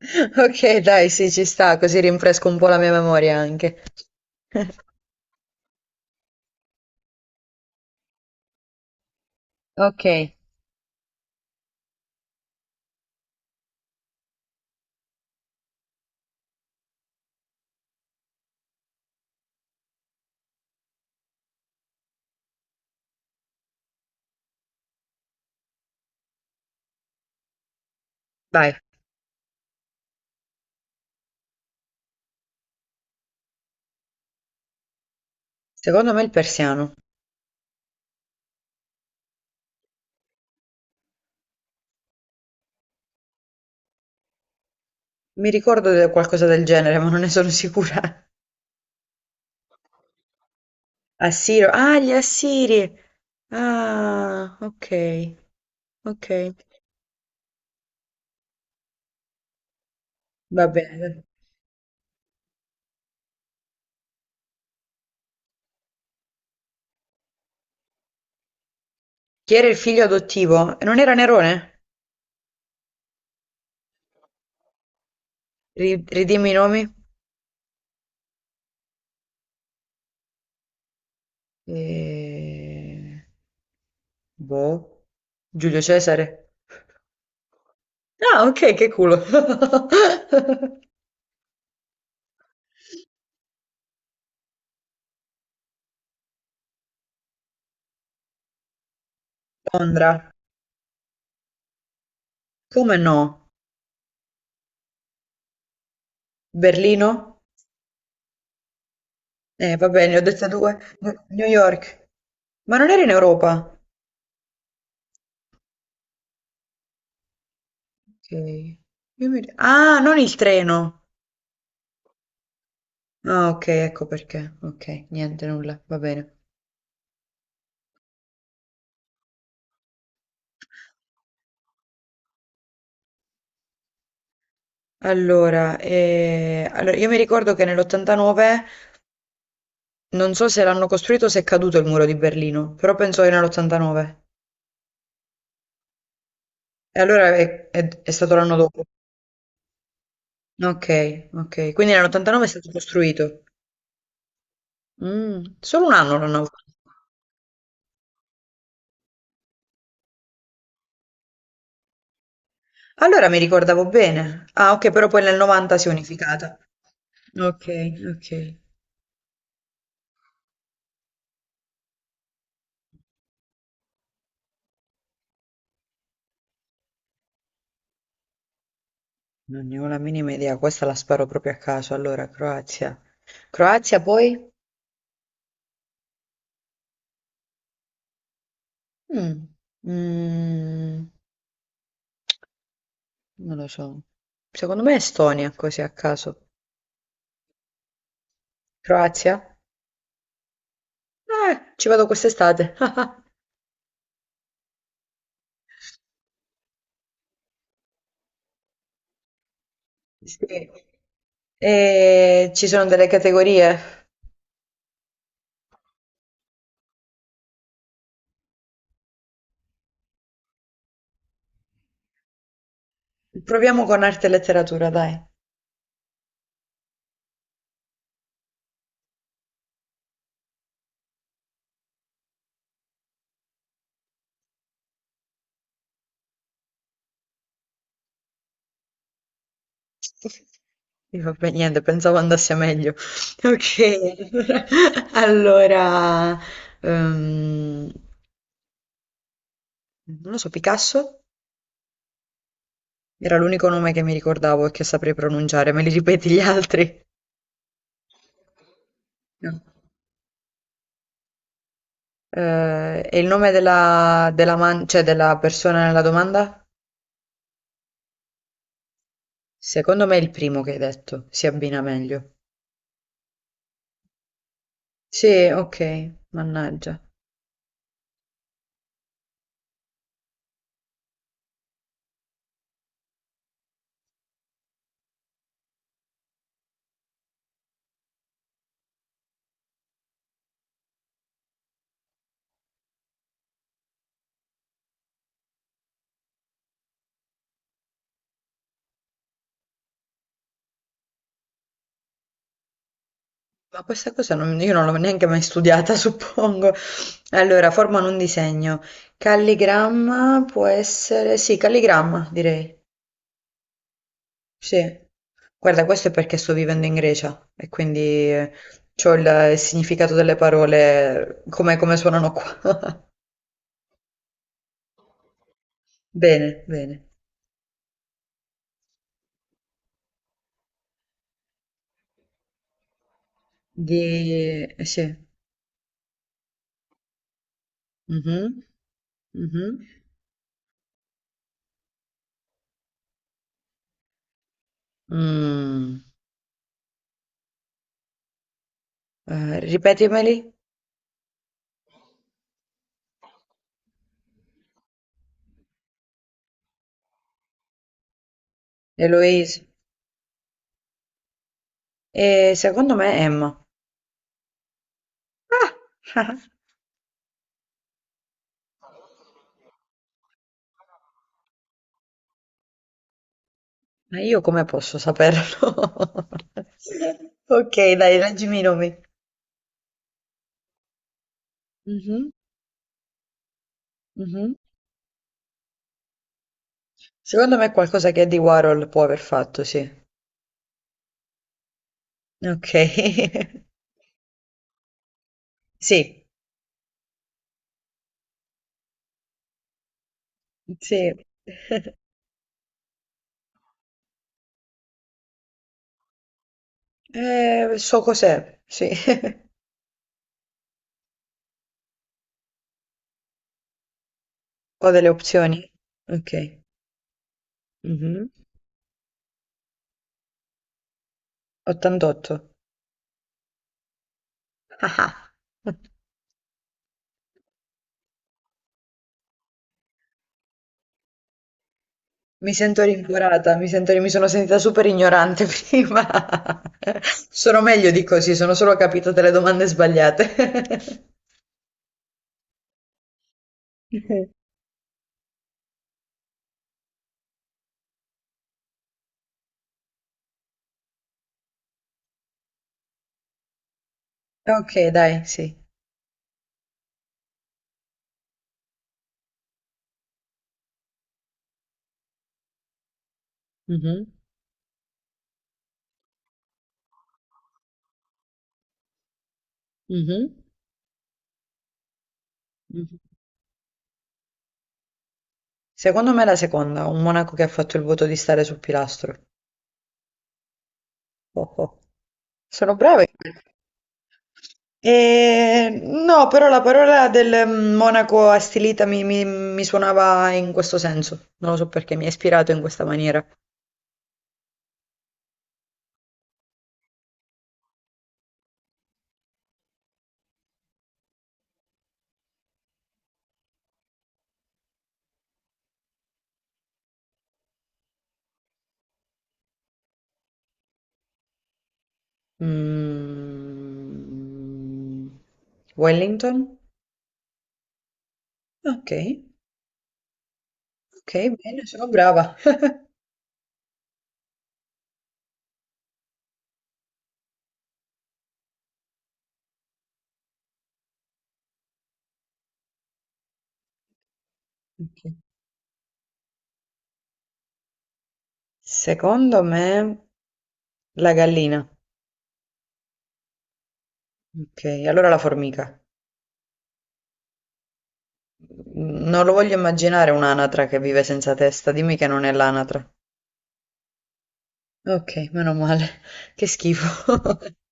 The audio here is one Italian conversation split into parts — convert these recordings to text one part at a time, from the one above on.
Ok, dai, sì, ci sta, così rinfresco un po' la mia memoria anche. Ok, vai. Secondo me il persiano. Mi ricordo di qualcosa del genere, ma non ne sono sicura. Assiro. Ah, gli assiri. Ah, ok, ok. Va bene. Chi era il figlio adottivo? Non era Nerone? Ridimmi i nomi. Eh, Boh. Giulio Cesare. Ah, ok, che culo. Londra. Come no? Berlino? Vabbè, ne ho dette due. New York. Ma non era in Europa? Ok. Ah, non il treno. Ah, ok, ecco perché. Ok, niente, nulla, va bene. Allora, io mi ricordo che nell'89, non so se l'hanno costruito o se è caduto il muro di Berlino, però penso che nell'89. E allora è stato l'anno dopo. Ok, ok. Quindi nell'89 è stato costruito. Mm, solo un anno l'hanno avuto. Allora mi ricordavo bene. Ah, ok, però poi nel 90 si è unificata. Ok, ok. Non ne ho la minima idea, questa la sparo proprio a caso. Allora, Croazia. Croazia poi? Mm. Mm, Non lo so. Secondo me Estonia, così a caso. Croazia? Ci vado quest'estate. Sì. E ci sono delle categorie. Proviamo con arte e letteratura, dai. Sì, vabbè, niente, pensavo andasse meglio. Ok, allora, ehm, non lo so, Picasso era l'unico nome che mi ricordavo e che saprei pronunciare, me li ripeti gli altri? No. E il nome della cioè della persona nella domanda? Secondo me è il primo che hai detto, si abbina meglio. Sì, ok, mannaggia. Ma questa cosa non- io non l'ho neanche mai studiata, suppongo. Allora, formano un disegno. Calligramma può essere... Sì, calligramma, direi. Sì. Guarda, questo è perché sto vivendo in Grecia e quindi ho il significato delle parole come, come suonano qua. Bene, bene. Di... sì. Mhm, mhm. Mm. Ripetimeli. Eloise. E secondo me Emma. Ah! Ma io come posso saperlo? Ok, dai, leggimi i nomi. Mhm, mhm. Secondo me è qualcosa che Andy Warhol può aver fatto, sì. Ok. Sì, sì. So cos'è, sì. Ho delle opzioni. Ok. Mhm. 88. Ah, ah. Mi sento rincuorata, mi sono sentita super ignorante prima. Sono meglio di così, sono solo capitate le domande sbagliate. Ok, dai, sì. Mhm, mhm, mhm. Secondo me è la seconda, un monaco che ha fatto il voto di stare sul pilastro. Oh, oh. Sono brave. No, però la parola del monaco a stilita mi suonava in questo senso. Non lo so perché mi ha ispirato in questa maniera. Mm. Wellington? Ok, ok, bene, sono brava. Ok. Secondo me la gallina. Ok, allora la formica. Non lo voglio immaginare un'anatra che vive senza testa, dimmi che non è l'anatra. Ok, meno male. Che schifo.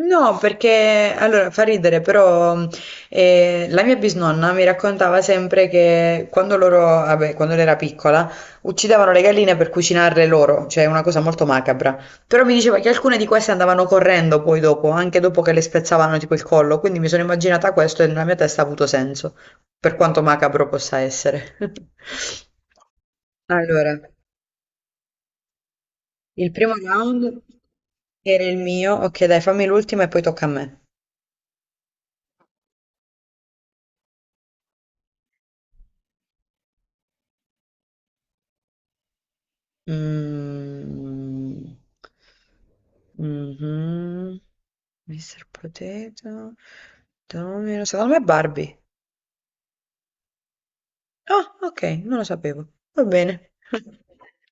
No, perché allora fa ridere, però la mia bisnonna mi raccontava sempre che quando loro, vabbè, quando lei era piccola, uccidevano le galline per cucinarle loro, cioè una cosa molto macabra. Però mi diceva che alcune di queste andavano correndo poi dopo, anche dopo che le spezzavano tipo il collo, quindi mi sono immaginata questo e nella mia testa ha avuto senso, per quanto macabro possa essere. Allora, il primo round era il mio, ok, dai, fammi l'ultima e poi tocca a me. Mm, mhm. Mr. Potato. Domino. Secondo me è Barbie. Ah, ok, non lo sapevo. Va bene.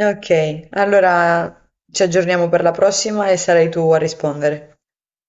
Ok, allora ci aggiorniamo per la prossima e sarai tu a rispondere.